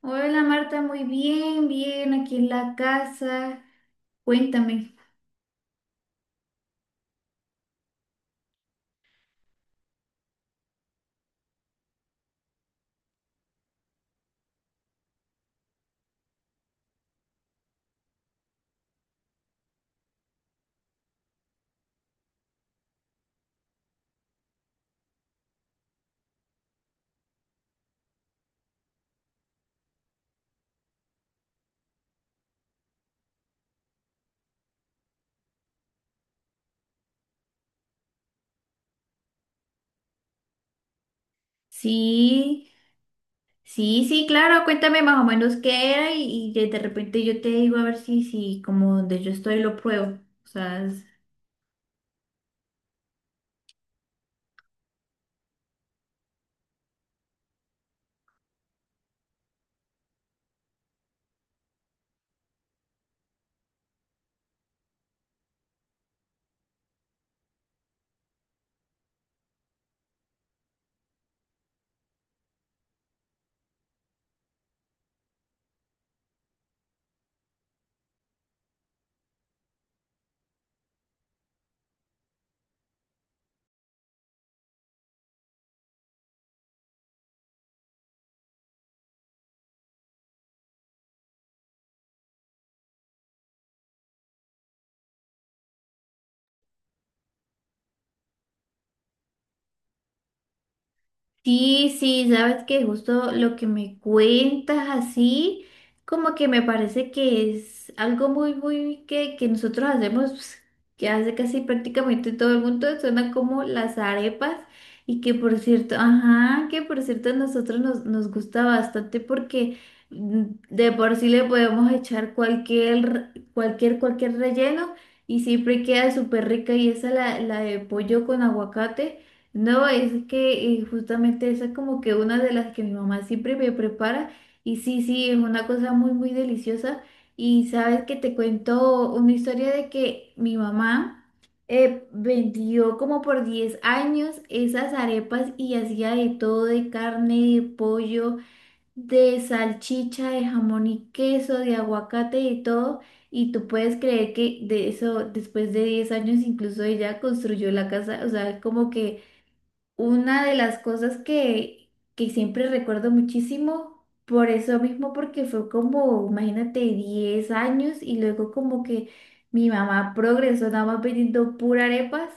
Hola Marta, muy bien, bien, aquí en la casa. Cuéntame. Sí, sí, sí, claro, cuéntame más o menos qué era y de repente yo te digo, a ver si, si como donde yo estoy lo pruebo. O sea, sí, sí, sabes que justo lo que me cuentas así, como que me parece que es algo muy, muy que nosotros hacemos, pues, que hace casi prácticamente todo el mundo, suena como las arepas. Y que por cierto, ajá, que por cierto a nosotros nos, nos gusta bastante porque mm, de por sí le podemos echar cualquier, cualquier relleno y siempre queda súper rica. Y esa la de pollo con aguacate, no, es que justamente esa es como que una de las que mi mamá siempre me prepara, y sí, sí, es una cosa muy, muy deliciosa. Y sabes que te cuento una historia de que mi mamá vendió como por 10 años esas arepas y hacía de todo, de carne, de pollo, de salchicha, de jamón y queso, de aguacate y todo. Y tú puedes creer que de eso, después de 10 años, incluso ella construyó la casa, o sea, como que... Una de las cosas que siempre recuerdo muchísimo, por eso mismo, porque fue como, imagínate, 10 años, y luego como que mi mamá progresó nada más vendiendo pura arepas.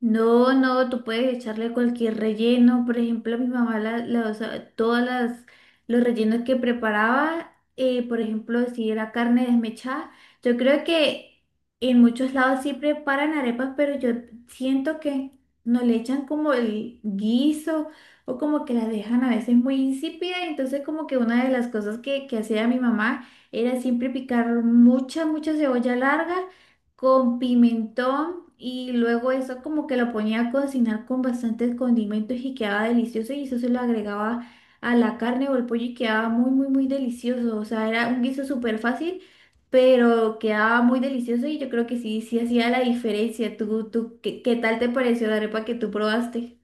No, no, tú puedes echarle cualquier relleno. Por ejemplo, a mi mamá, o sea, todas los rellenos que preparaba, por ejemplo, si era carne desmechada, yo creo que en muchos lados sí preparan arepas, pero yo siento que no le echan como el guiso, o como que la dejan a veces muy insípida. Entonces, como que una de las cosas que hacía mi mamá era siempre picar mucha, mucha cebolla larga con pimentón, y luego eso como que lo ponía a cocinar con bastantes condimentos y quedaba delicioso, y eso se lo agregaba a la carne o el pollo y quedaba muy muy muy delicioso, o sea, era un guiso súper fácil, pero quedaba muy delicioso, y yo creo que sí, sí hacía la diferencia. ¿Tú, tú qué, qué tal te pareció la arepa que tú probaste?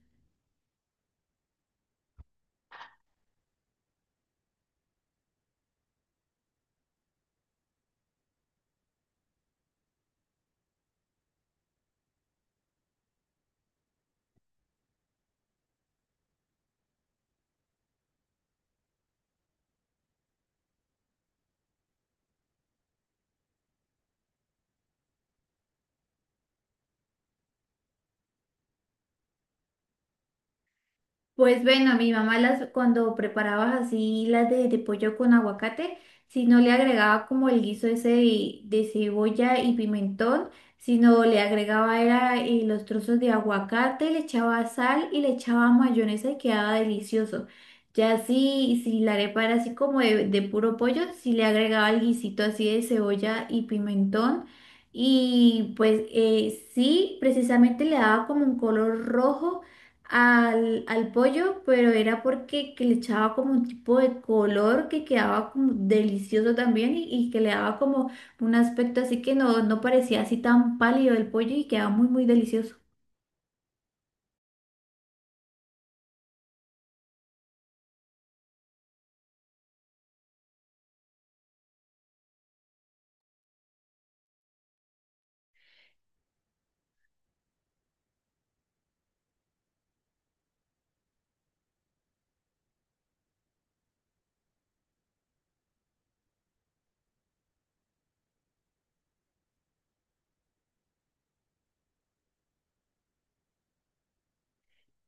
Pues bueno, mi mamá, las cuando preparaba así las de pollo con aguacate, si no le agregaba como el guiso ese de cebolla y pimentón, sino le agregaba era los trozos de aguacate, le echaba sal y le echaba mayonesa y quedaba delicioso. Ya si, si la arepa era así como de puro pollo, si le agregaba el guisito así de cebolla y pimentón. Y pues sí, precisamente le daba como un color rojo al pollo, pero era porque que le echaba como un tipo de color que quedaba como delicioso también, y que le daba como un aspecto así que no, no parecía así tan pálido el pollo y quedaba muy, muy delicioso.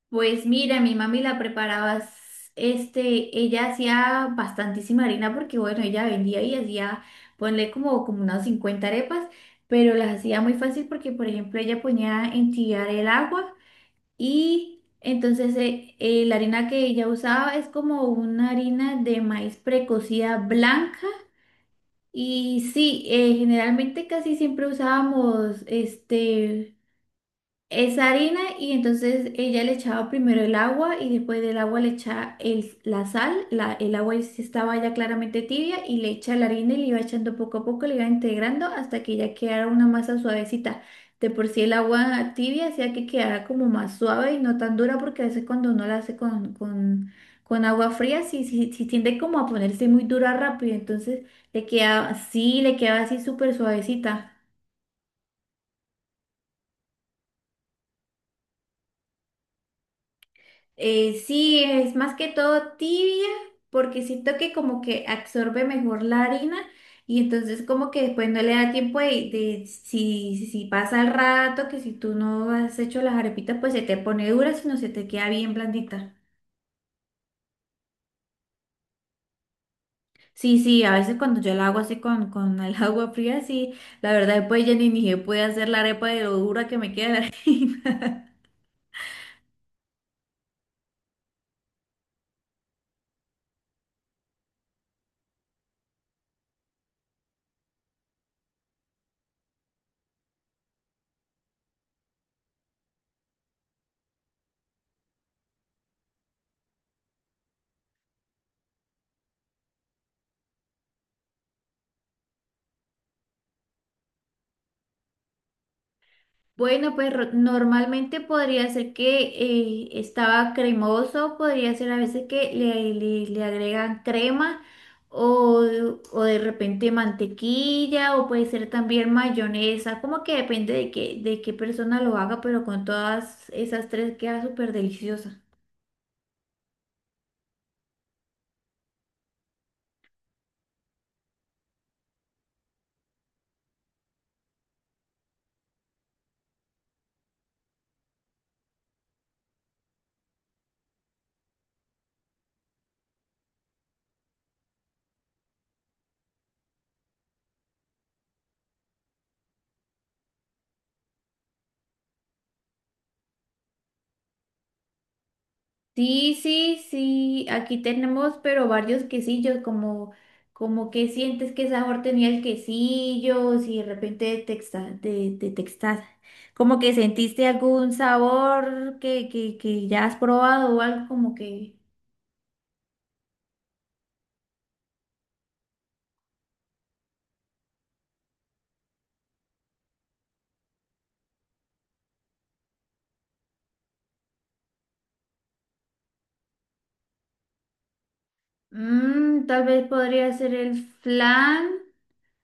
Pues mira, mi mami la preparaba, este, ella hacía bastantísima harina porque bueno, ella vendía y hacía, ponle como, como unas 50 arepas, pero las hacía muy fácil porque por ejemplo ella ponía en tirar el agua. Y entonces la harina que ella usaba es como una harina de maíz precocida blanca. Y sí, generalmente casi siempre usábamos este esa harina, y entonces ella le echaba primero el agua y después del agua le echaba la sal, el agua estaba ya claramente tibia y le echa la harina y le iba echando poco a poco, le iba integrando hasta que ya quedara una masa suavecita. De por sí el agua tibia hacía que quedara como más suave y no tan dura, porque a veces cuando uno la hace con, con agua fría sí, sí, sí tiende como a ponerse muy dura rápido, entonces le quedaba, sí, le quedaba así súper suavecita. Sí, es más que todo tibia, porque siento que como que absorbe mejor la harina, y entonces como que después no le da tiempo de, si, si pasa el rato, que si tú no has hecho las arepitas, pues se te pone dura, sino se te queda bien blandita. Sí, sí, a veces cuando yo la hago así con el agua fría, sí, la verdad después ya ni, ni se puede hacer la arepa de lo dura que me queda la harina. Bueno, pues normalmente podría ser que estaba cremoso, podría ser a veces que le, le agregan crema o, o de repente mantequilla, o puede ser también mayonesa, como que depende de qué persona lo haga, pero con todas esas tres queda súper deliciosa. Sí, sí, sí, aquí tenemos, pero varios quesillos. Como, como que sientes que sabor tenía el quesillo, si de repente detectas, como que sentiste algún sabor que, que ya has probado o algo como que, tal vez podría ser el flan.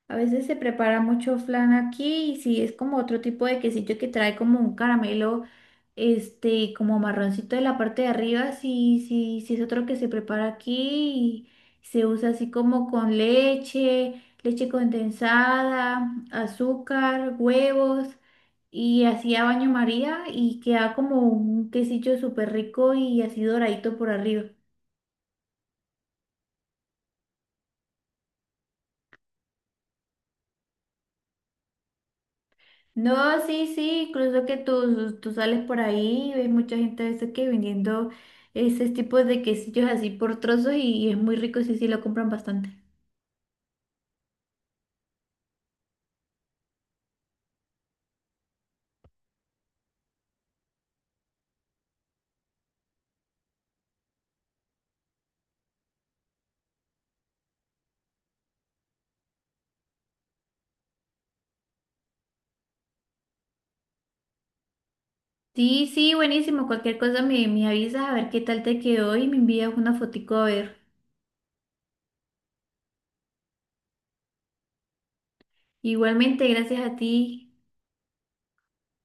A veces se prepara mucho flan aquí, y sí, es como otro tipo de quesillo que trae como un caramelo, este, como marroncito de la parte de arriba. Sí, sí, sí es otro que se prepara aquí, y se usa así como con leche, leche condensada, azúcar, huevos, y así a baño María, y queda como un quesillo súper rico y así doradito por arriba. No, sí, sí, incluso que tú sales por ahí y ves mucha gente a veces que vendiendo ese tipo de quesillos así por trozos, y es muy rico, sí, sí, lo compran bastante. Sí, sí, buenísimo, cualquier cosa me, me avisas a ver qué tal te quedó y me envías una fotico a ver. Igualmente, gracias a ti.